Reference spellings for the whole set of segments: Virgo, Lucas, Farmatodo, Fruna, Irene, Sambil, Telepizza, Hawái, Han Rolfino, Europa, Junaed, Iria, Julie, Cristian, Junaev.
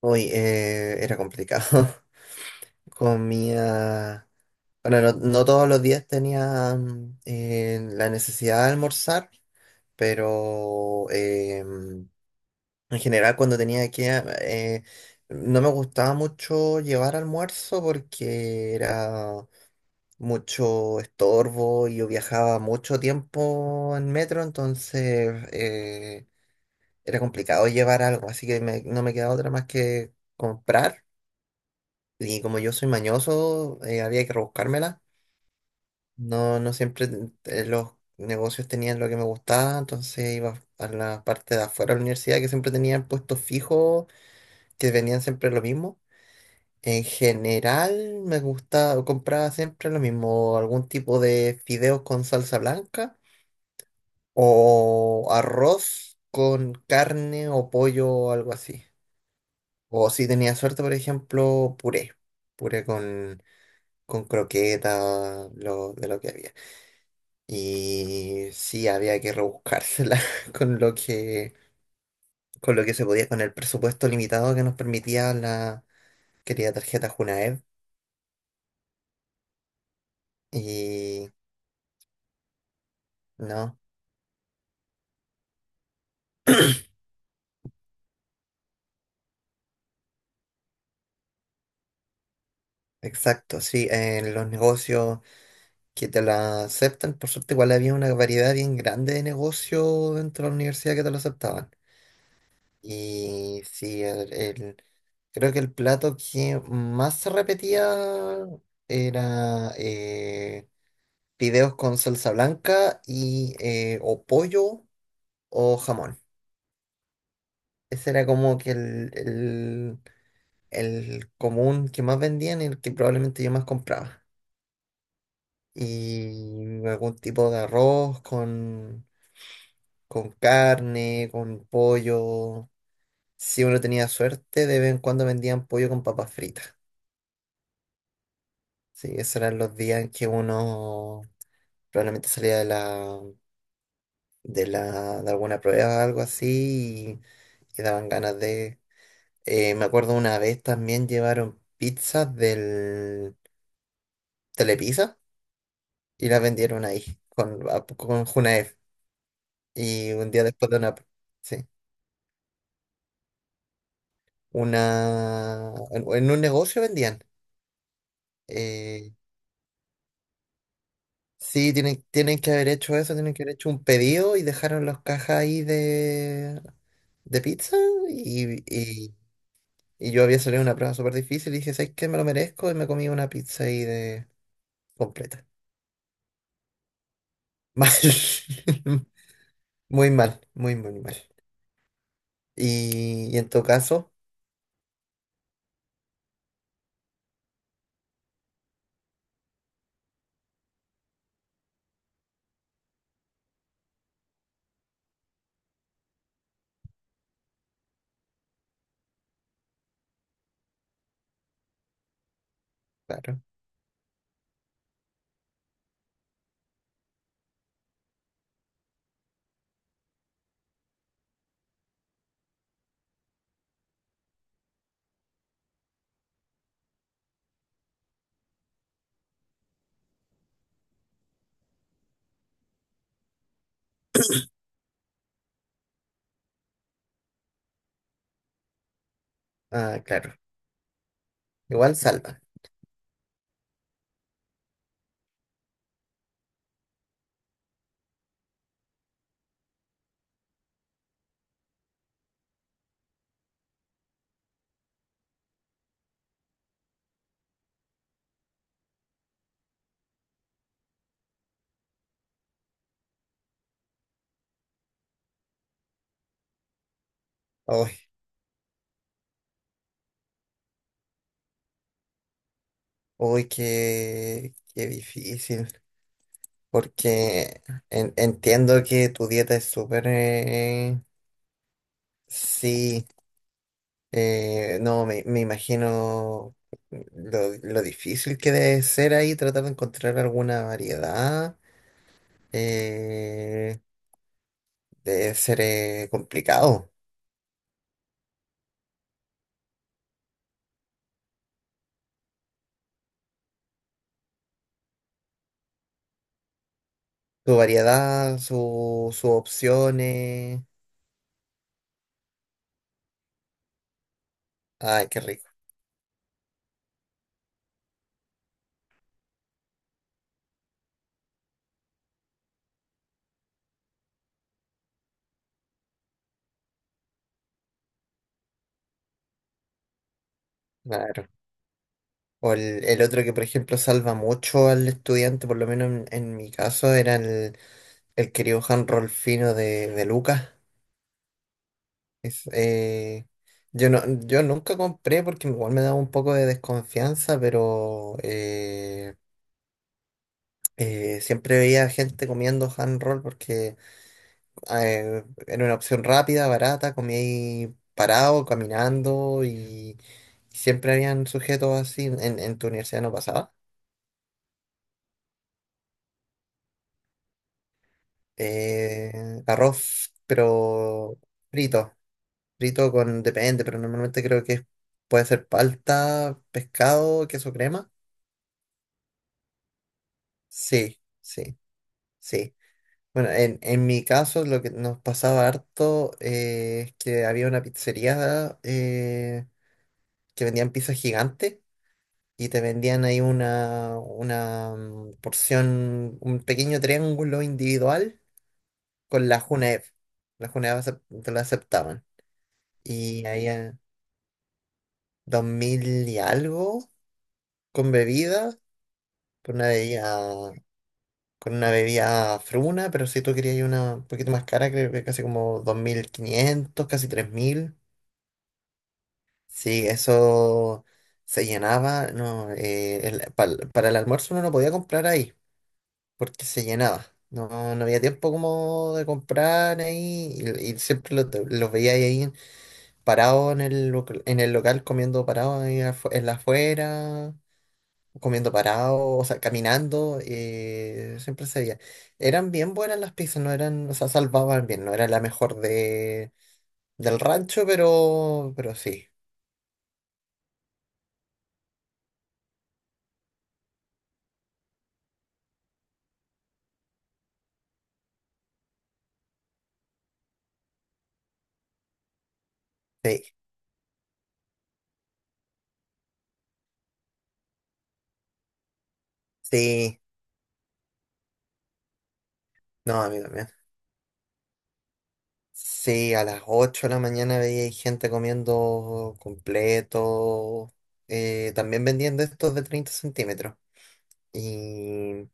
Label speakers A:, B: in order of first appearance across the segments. A: Uy, era complicado. Comía, bueno, no todos los días tenía la necesidad de almorzar, pero en general cuando tenía que, no me gustaba mucho llevar almuerzo porque era mucho estorbo y yo viajaba mucho tiempo en metro. Entonces era complicado llevar algo, así que no me quedaba otra más que comprar. Y como yo soy mañoso, había que rebuscármela. No, no siempre los negocios tenían lo que me gustaba, entonces iba a la parte de afuera de la universidad, que siempre tenían puestos fijos, que vendían siempre lo mismo. En general me gustaba, compraba siempre lo mismo, algún tipo de fideos con salsa blanca o arroz con carne o pollo o algo así. O si tenía suerte, por ejemplo, puré. Puré con croquetas, de lo que había. Y sí, había que rebuscársela con lo que, con lo que se podía, con el presupuesto limitado que nos permitía la querida tarjeta Junaed. Y no, exacto, sí, en los negocios que te la aceptan. Por suerte igual había una variedad bien grande de negocios dentro de la universidad que te lo aceptaban. Y sí, creo que el plato que más se repetía era fideos con salsa blanca y, o pollo o jamón. Ese era como que el común que más vendían y el que probablemente yo más compraba. Y algún tipo de arroz con carne, con pollo. Si uno tenía suerte, de vez en cuando vendían pollo con papas fritas. Sí, esos eran los días en que uno probablemente salía de la, de alguna prueba o algo así, y daban ganas de. Me acuerdo una vez también llevaron pizzas del Telepizza y las vendieron ahí con Junaed. Y un día después de una. Sí, una. En un negocio vendían. Eh, sí, tienen que haber hecho eso, tienen que haber hecho un pedido y dejaron las cajas ahí de pizza, y, y, y yo había salido una prueba súper difícil y dije, ¿sabes qué? Me lo merezco. Y me comí una pizza ahí de completa. Mal. Muy mal, muy, muy mal. Y en tu caso, claro. Ah, claro. Igual salva. Uy, uy, qué difícil. Porque entiendo que tu dieta es súper. Sí. No, me imagino lo difícil que debe ser ahí tratar de encontrar alguna variedad. eh, Debe ser complicado. Su variedad, sus opciones. Ay, qué rico. Claro. O el otro que, por ejemplo, salva mucho al estudiante, por lo menos en mi caso, era el querido Han Rolfino de Lucas. Es, eh, yo, no, yo nunca compré porque igual me daba un poco de desconfianza, pero siempre veía gente comiendo hand roll porque era una opción rápida, barata, comía ahí parado, caminando, y siempre habían sujetos así. ¿En tu universidad no pasaba? Arroz, pero frito. Frito con, depende, pero normalmente creo que puede ser palta, pescado, queso crema. Sí, sí, sí. Bueno, en mi caso lo que nos pasaba harto es que había una pizzería que vendían pizza gigante, y te vendían ahí una porción, un pequeño triángulo individual con la Junaev. La Junaev te la aceptaban. Y ahí, 2.000 y algo con bebida, con una bebida, con una bebida fruna, pero si tú querías una un poquito más cara, creo que casi como 2.500, casi 3.000. Sí, eso se llenaba, no, para el almuerzo uno no podía comprar ahí porque se llenaba. No, no había tiempo como de comprar ahí, y siempre los veía ahí parados en en el local, comiendo parados ahí en la afuera, comiendo parado, o sea, caminando, siempre se veía. Eran bien buenas las pizzas. No eran, o sea, salvaban bien, no era la mejor del rancho, pero sí, sí, sí, no, a mí también. Sí, a las 8 de la mañana veía ahí gente comiendo completo, también vendiendo estos de 30 centímetros, y,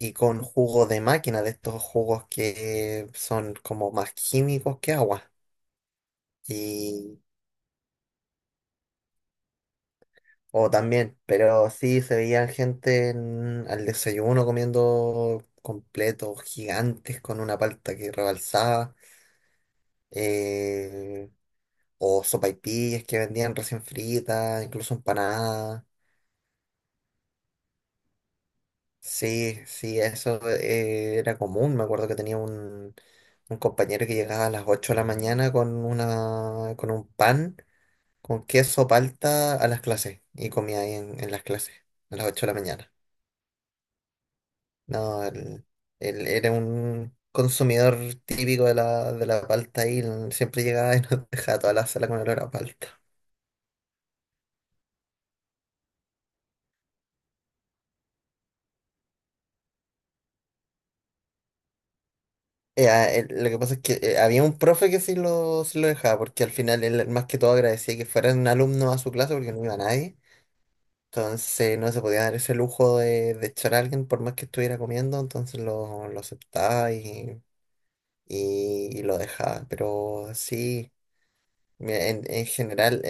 A: y con jugo de máquina, de estos jugos que son como más químicos que agua. O también, pero sí se veía gente al desayuno comiendo completos gigantes con una palta que rebalsaba, eh, o sopaipillas que vendían recién fritas, incluso empanadas. Sí, sí, eso era común. Me acuerdo que tenía un compañero que llegaba a las 8 de la mañana con una, con un pan con queso palta a las clases, y comía ahí en las clases a las 8 de la mañana. No, él era un consumidor típico de la palta, y él siempre llegaba y nos dejaba toda la sala con olor a palta. Lo que pasa es que había un profe que sí lo dejaba, porque al final él más que todo agradecía que fueran alumnos a su clase porque no iba nadie. Entonces no se podía dar ese lujo de echar a alguien por más que estuviera comiendo, entonces lo aceptaba y lo dejaba. Pero sí, mira, en general,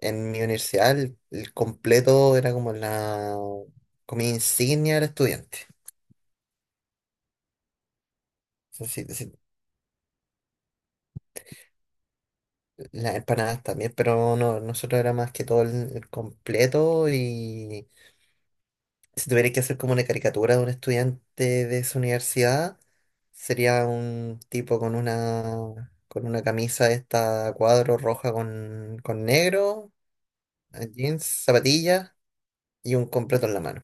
A: en mi universidad el completo era como la comida insignia del estudiante. O sea, sí, las empanadas también, pero no, nosotros era más que todo el completo. Y si tuvierais que hacer como una caricatura de un estudiante de esa universidad, sería un tipo con una, con una camisa de esta a cuadro, roja con negro, jeans, zapatillas y un completo en la mano.